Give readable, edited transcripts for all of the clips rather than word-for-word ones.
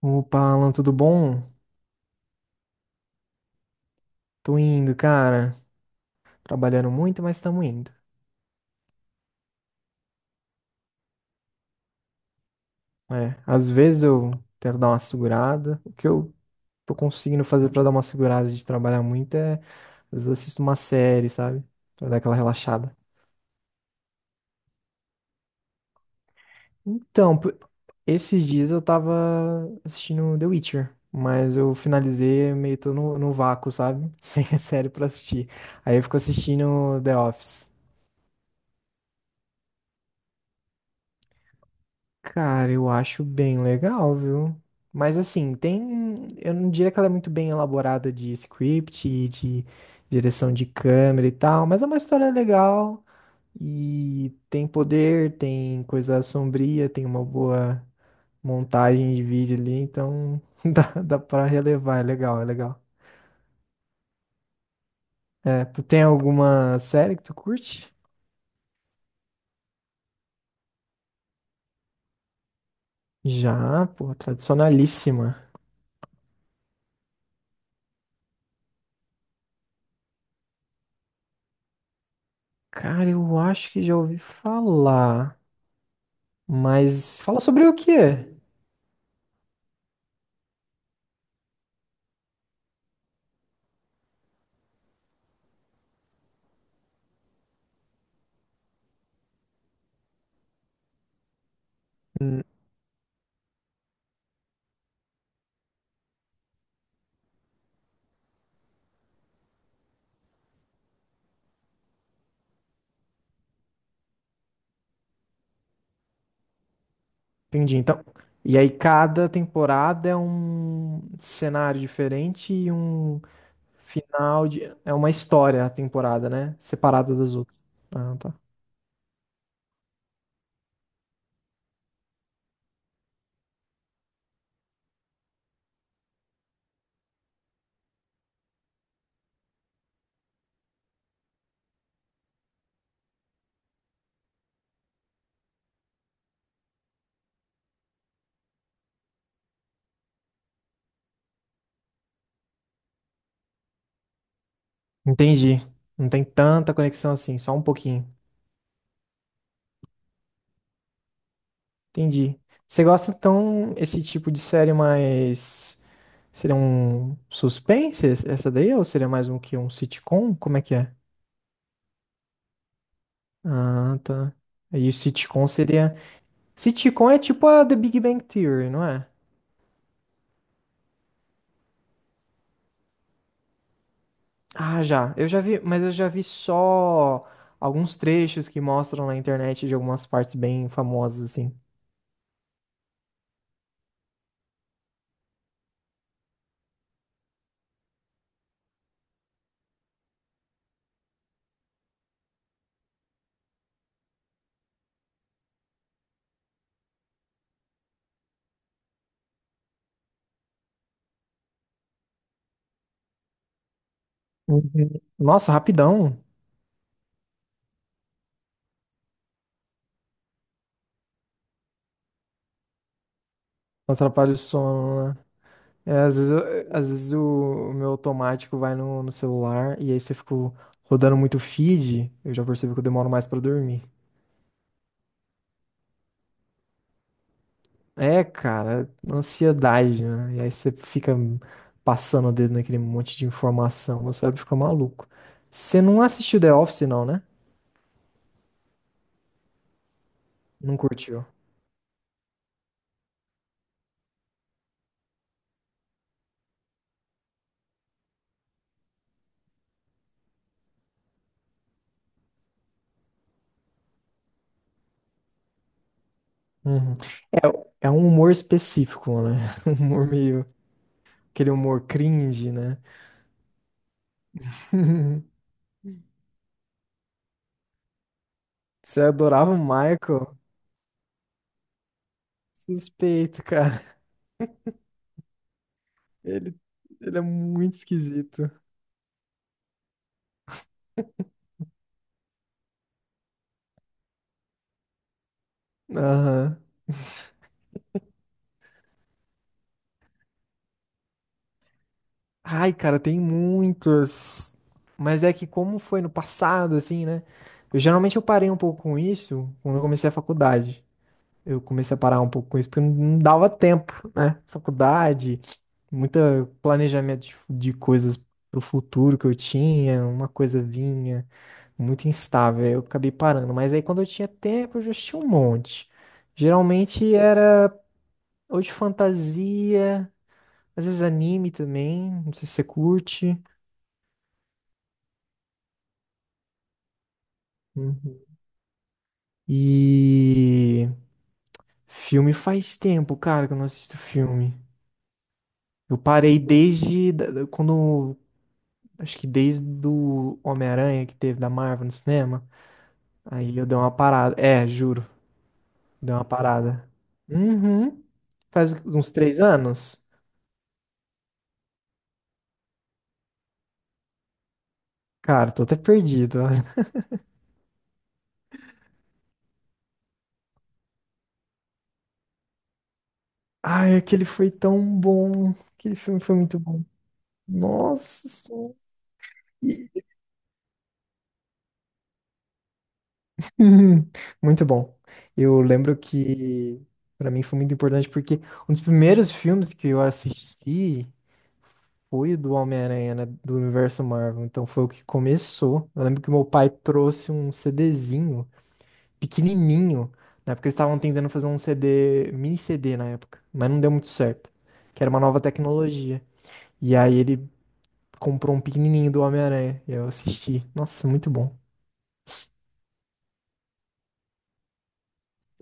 Opa, Alan, tudo bom? Tô indo, cara. Trabalhando muito, mas estamos indo. É, às vezes eu tento dar uma segurada. O que eu tô conseguindo fazer pra dar uma segurada de trabalhar muito é, às vezes eu assisto uma série, sabe? Pra dar aquela relaxada. Então, esses dias eu tava assistindo The Witcher, mas eu finalizei meio tô no vácuo, sabe? Sem a série pra assistir. Aí eu fico assistindo The Office. Cara, eu acho bem legal, viu? Mas assim, tem. Eu não diria que ela é muito bem elaborada de script e de direção de câmera e tal, mas é uma história legal e tem poder, tem coisa sombria, tem uma boa montagem de vídeo ali, então dá pra relevar, é legal, é legal. É, tu tem alguma série que tu curte? Já, pô, tradicionalíssima. Cara, eu acho que já ouvi falar. Mas fala sobre o que é. Hum, Entendi. Então, e aí cada temporada é um cenário diferente e um final de... É uma história a temporada, né? Separada das outras. Ah, tá. Entendi. Não tem tanta conexão assim, só um pouquinho. Entendi. Você gosta então esse tipo de série mais seria um suspense essa daí ou seria mais um que um sitcom? Como é que é? Ah, tá. E o sitcom seria sitcom é tipo a The Big Bang Theory, não é? Ah, já. Eu já vi, mas eu já vi só alguns trechos que mostram na internet de algumas partes bem famosas, assim. Uhum. Nossa, rapidão. Atrapalha o sono, né? É, às vezes, às vezes o meu automático vai no celular e aí se eu fico rodando muito feed, eu já percebo que eu demoro mais pra dormir. É, cara, ansiedade, né? E aí você fica passando o dedo naquele monte de informação, meu cérebro fica maluco. Você não assistiu The Office, não, né? Não curtiu. Uhum. É, é um humor específico, né? Um humor meio. Aquele humor cringe, né? Você adorava o Michael? Suspeito, cara. Ele, ele é muito esquisito. Aham. Ai, cara, tem muitas. Mas é que como foi no passado, assim, né? Eu geralmente eu parei um pouco com isso quando eu comecei a faculdade. Eu comecei a parar um pouco com isso porque não dava tempo, né? Faculdade, muito planejamento de coisas pro futuro que eu tinha, uma coisa vinha, muito instável. Aí eu acabei parando. Mas aí quando eu tinha tempo, eu já tinha um monte. Geralmente era ou de fantasia, às vezes anime também, não sei se você curte. Uhum. E filme faz tempo, cara, que eu não assisto filme. Eu parei quando, acho que desde do Homem-Aranha que teve da Marvel no cinema. Aí eu dei uma parada. É, juro, dei uma parada. Uhum. Faz uns 3 anos. Cara, tô até perdido. Ai, aquele foi tão bom. Aquele filme foi muito bom. Nossa senhora. Uhum, muito bom. Eu lembro que pra mim foi muito importante porque um dos primeiros filmes que eu assisti foi o do Homem-Aranha, né, do universo Marvel. Então foi o que começou. Eu lembro que meu pai trouxe um CDzinho pequenininho, na época eles estavam tentando fazer um CD, mini CD na época, mas não deu muito certo, que era uma nova tecnologia. E aí ele comprou um pequenininho do Homem-Aranha e eu assisti. Nossa, muito bom.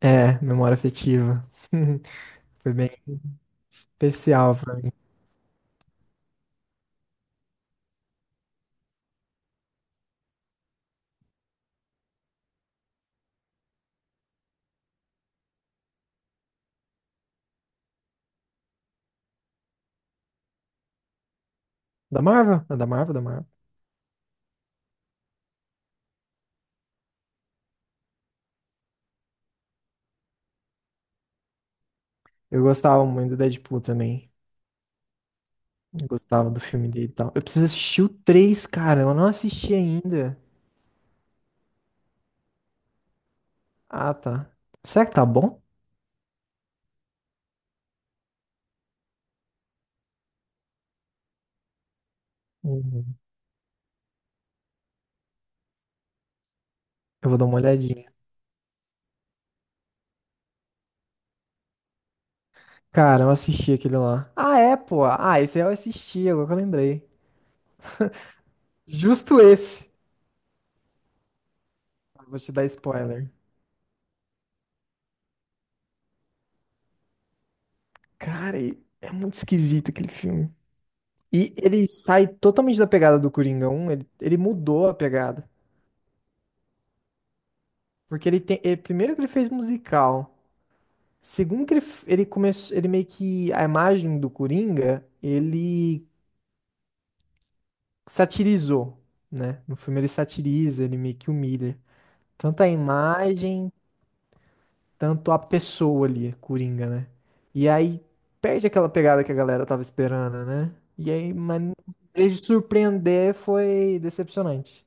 É, memória afetiva. Foi bem especial pra mim. Da Marvel? É da Marvel, da Marvel. Eu gostava muito do Deadpool também. Eu gostava do filme dele e tal. Eu preciso assistir o 3, cara. Eu não assisti ainda. Ah, tá. Será que tá bom? Uhum. Eu vou dar uma olhadinha. Cara, eu assisti aquele lá. Ah, é, pô. Ah, esse aí eu assisti, agora que eu lembrei. Justo esse. Vou te dar spoiler. Cara, é muito esquisito aquele filme. E ele sai totalmente da pegada do Coringa 1, ele mudou a pegada. Porque ele tem. Primeiro que ele fez musical. Segundo que ele, ele começou. Ele meio que. A imagem do Coringa, ele satirizou, né? No filme ele satiriza, ele meio que humilha. Tanto a imagem, tanto a pessoa ali, Coringa, né? E aí perde aquela pegada que a galera tava esperando, né? E aí, mas em vez de surpreender, foi decepcionante.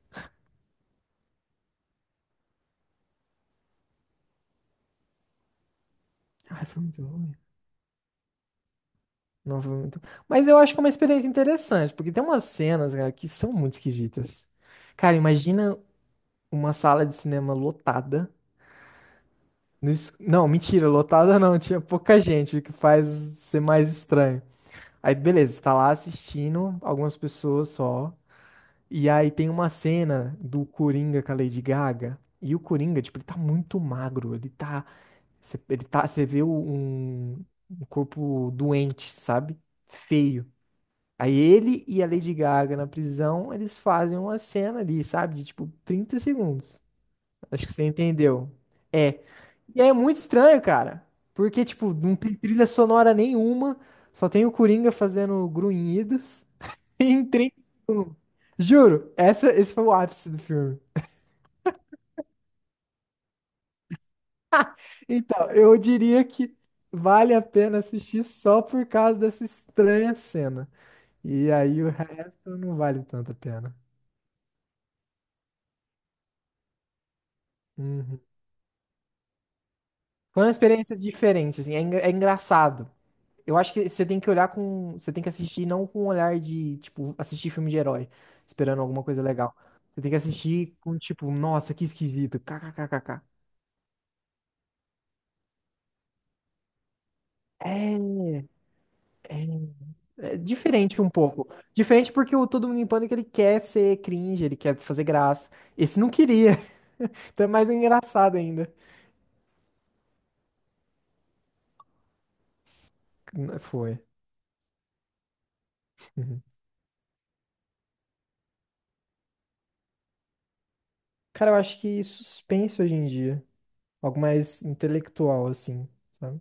Ai, foi muito ruim. Não foi muito. Mas eu acho que é uma experiência interessante, porque tem umas cenas, cara, que são muito esquisitas. Cara, imagina uma sala de cinema lotada. Não, mentira, lotada não, tinha pouca gente, o que faz ser mais estranho. Aí, beleza, você tá lá assistindo, algumas pessoas só. E aí tem uma cena do Coringa com a Lady Gaga. E o Coringa, tipo, ele tá muito magro. Ele tá. Você, você vê um corpo doente, sabe? Feio. Aí ele e a Lady Gaga na prisão, eles fazem uma cena ali, sabe? De tipo 30 segundos. Acho que você entendeu. É. E aí é muito estranho, cara. Porque, tipo, não tem trilha sonora nenhuma. Só tem o Coringa fazendo grunhidos em 30 segundos. Juro, esse foi o ápice do filme. Então, eu diria que vale a pena assistir só por causa dessa estranha cena. E aí o resto não vale tanto a pena. Uhum. Foi uma experiência diferente, assim, é, é engraçado. Eu acho que você tem que olhar com. Você tem que assistir não com um olhar de, tipo, assistir filme de herói, esperando alguma coisa legal. Você tem que assistir com, tipo, nossa, que esquisito, kkkk. É, é, é diferente um pouco. Diferente porque o Todo Mundo em Pânico ele quer ser cringe, ele quer fazer graça. Esse não queria. Então é mais engraçado ainda. Foi. Uhum. Cara, eu acho que suspense hoje em dia. Algo mais intelectual, assim, sabe?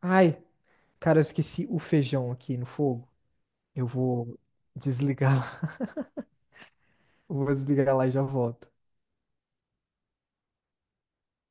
Ai, cara, eu esqueci o feijão aqui no fogo. Eu vou desligar. Vou desligar lá e já volto.